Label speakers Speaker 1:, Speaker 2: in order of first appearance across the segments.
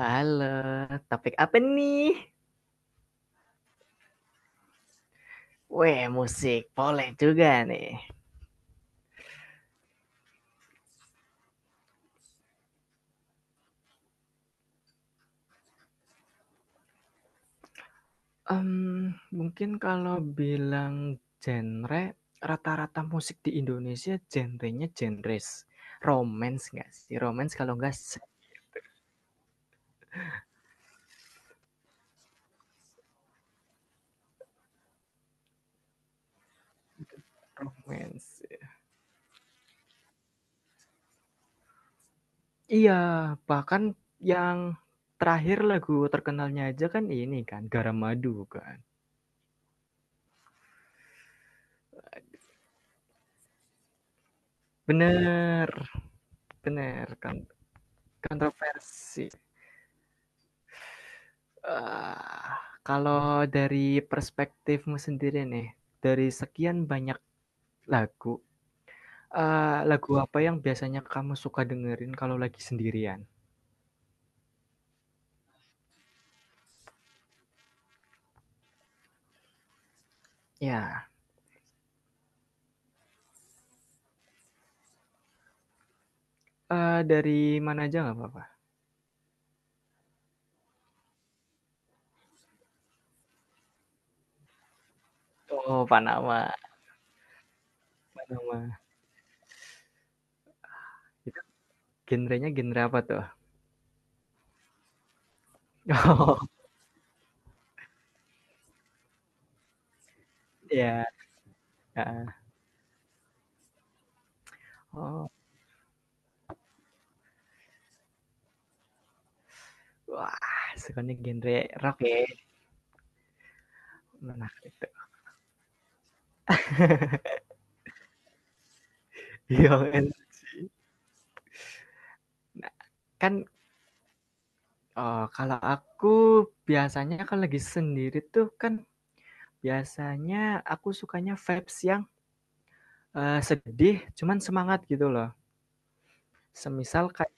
Speaker 1: Halo, topik apa nih? Weh, musik. Boleh juga nih. Mungkin kalau bilang genre, rata-rata musik di Indonesia genrenya genres. Romance nggak sih? Romance kalau nggak sad romance. Iya, bahkan yang terakhir lagu terkenalnya aja kan ini kan, Garam Madu kan. Bener bener, kan kontroversi. Eee, Kalau dari perspektifmu sendiri nih, dari sekian banyak lagu, lagu apa yang biasanya kamu suka dengerin kalau lagi sendirian? Ya, dari mana aja nggak apa-apa. Oh, Panama Panama. Itu genrenya genre apa tuh? Oh, ya. Heeh. Oh, wah, sukanya genre rock ya? Menarik itu. Iya kan. Nah, kan, kalau aku biasanya kalau lagi sendiri tuh kan biasanya aku sukanya vibes yang, sedih cuman semangat gitu loh. Semisal kayak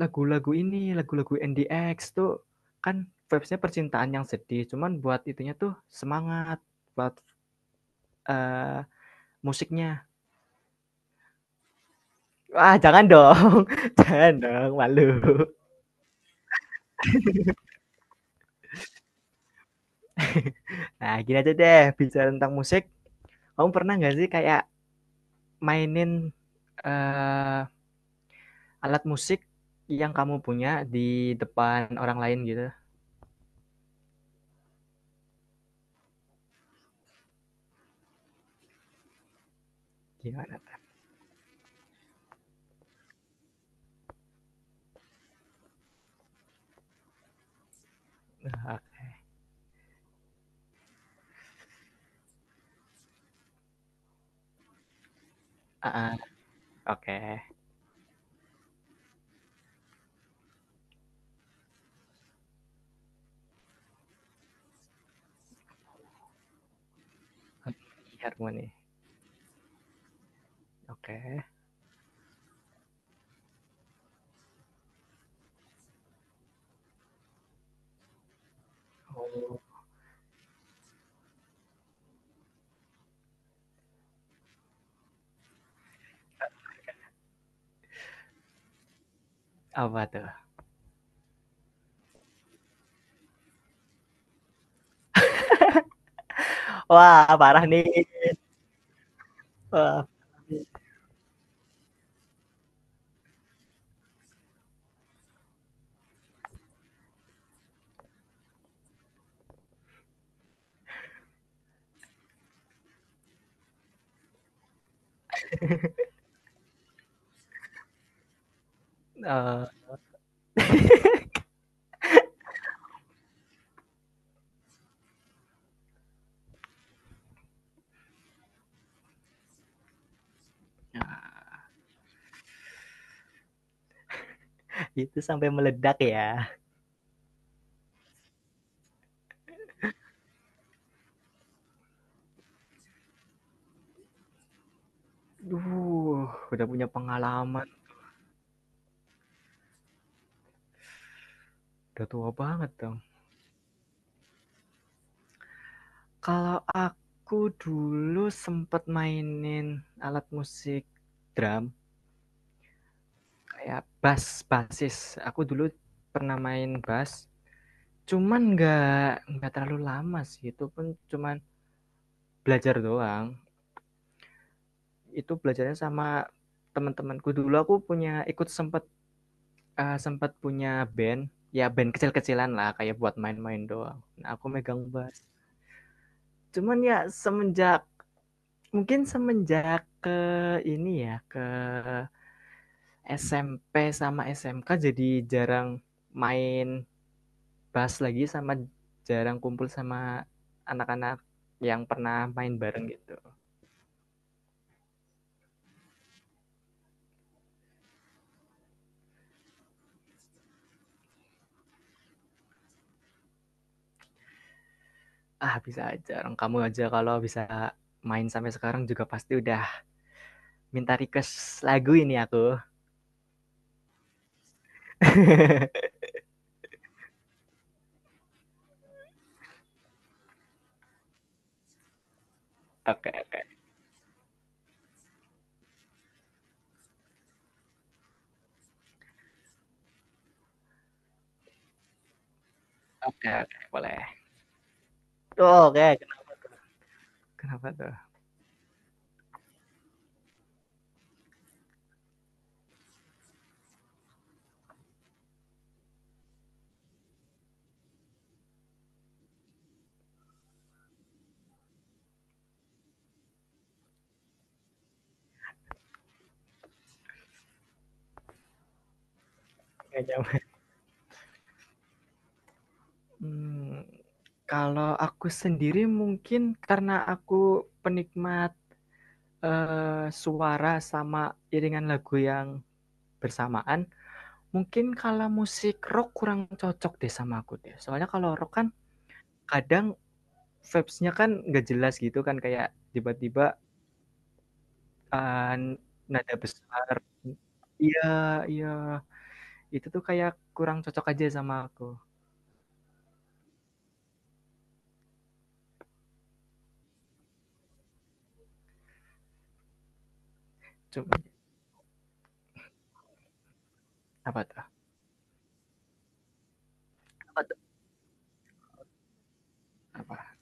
Speaker 1: lagu-lagu ini, lagu-lagu N D X tuh kan vibesnya percintaan yang sedih, cuman buat itunya tuh semangat, buat, eee, musiknya. Wah jangan dong, jangan dong, malu. Nah gini aja deh, bicara tentang musik, kamu pernah nggak sih kayak mainin, eee, alat musik yang kamu punya di depan orang lain gitu? Gimana tuh? Heeh. Oke. Harmoni. Oke. Oh. Apa tuh? Wah, parah nih. Wah, eee, itu sampai meledak ya. Duh, udah punya pengalaman, udah tua banget dong. Kalau aku dulu sempet mainin alat musik drum, kayak bass, bassis. Aku dulu pernah main bass, cuman nggak terlalu lama sih, itu pun cuman belajar doang. Itu belajarnya sama teman-temanku dulu aku punya ikut sempat sempat punya band ya band kecil-kecilan lah kayak buat main-main doang, nah aku megang bass cuman ya semenjak mungkin semenjak ke ini ya ke SMP sama SMK jadi jarang main bass lagi sama jarang kumpul sama anak-anak yang pernah main bareng gitu. Ah bisa aja, orang kamu aja kalau bisa main sampai sekarang juga pasti udah minta request lagu ini aku. Oke, oke. Oke, boleh. Oh, oke, kenapa, kenapa tuh? Hmm, kalau aku sendiri mungkin karena aku penikmat suara sama iringan lagu yang bersamaan, mungkin kalau musik rock kurang cocok deh sama aku deh. Soalnya kalau rock kan kadang vibes-nya kan nggak jelas gitu kan kayak tiba-tiba eh, nada besar. Iya, iya, itu tuh kayak kurang cocok aja sama aku. Cuman apa tuh? Apa tuh? Apa?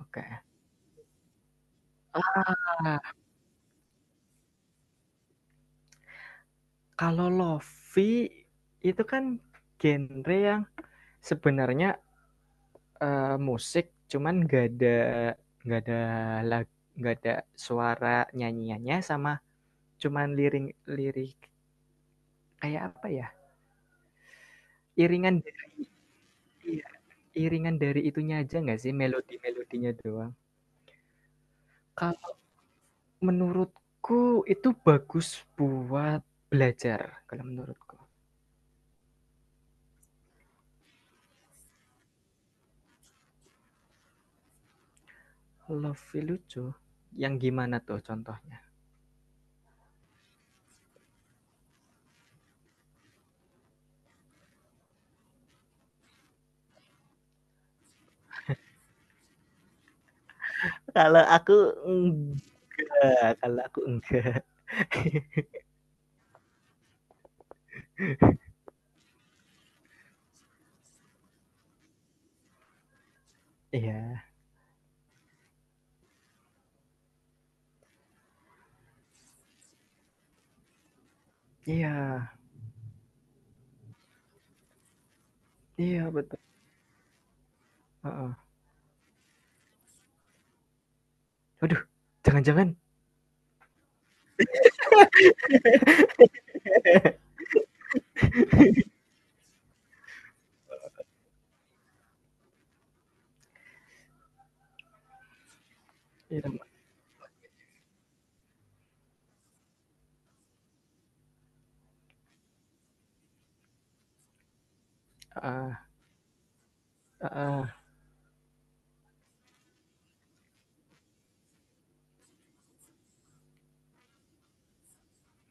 Speaker 1: Oke. Okay. Kalau lofi itu kan genre yang sebenarnya musik cuman gak ada lag gak ada suara nyanyiannya sama cuman lirik lirik kayak apa ya, iringan dari iya, iringan dari itunya aja nggak sih, melodi melodinya doang. Kalau menurutku itu bagus buat belajar, kalau menurutku. Lebih lucu? Yang gimana tuh contohnya? Kalau aku enggak, kalau aku enggak. Iya. Iya. Iya betul, heeh. Waduh, jangan-jangan itu heeh heeh,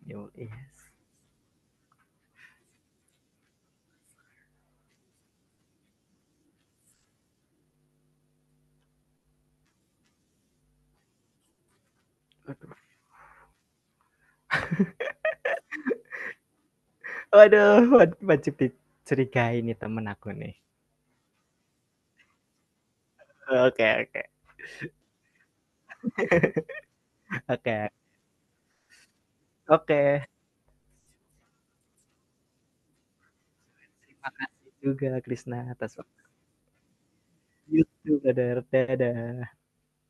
Speaker 1: yo yes. Waduh waduh wajib dicurigai nih temen aku nih. Oke oke. Oke oke. Terima kasih juga Krisna atas waktu YouTube, dadah dadah.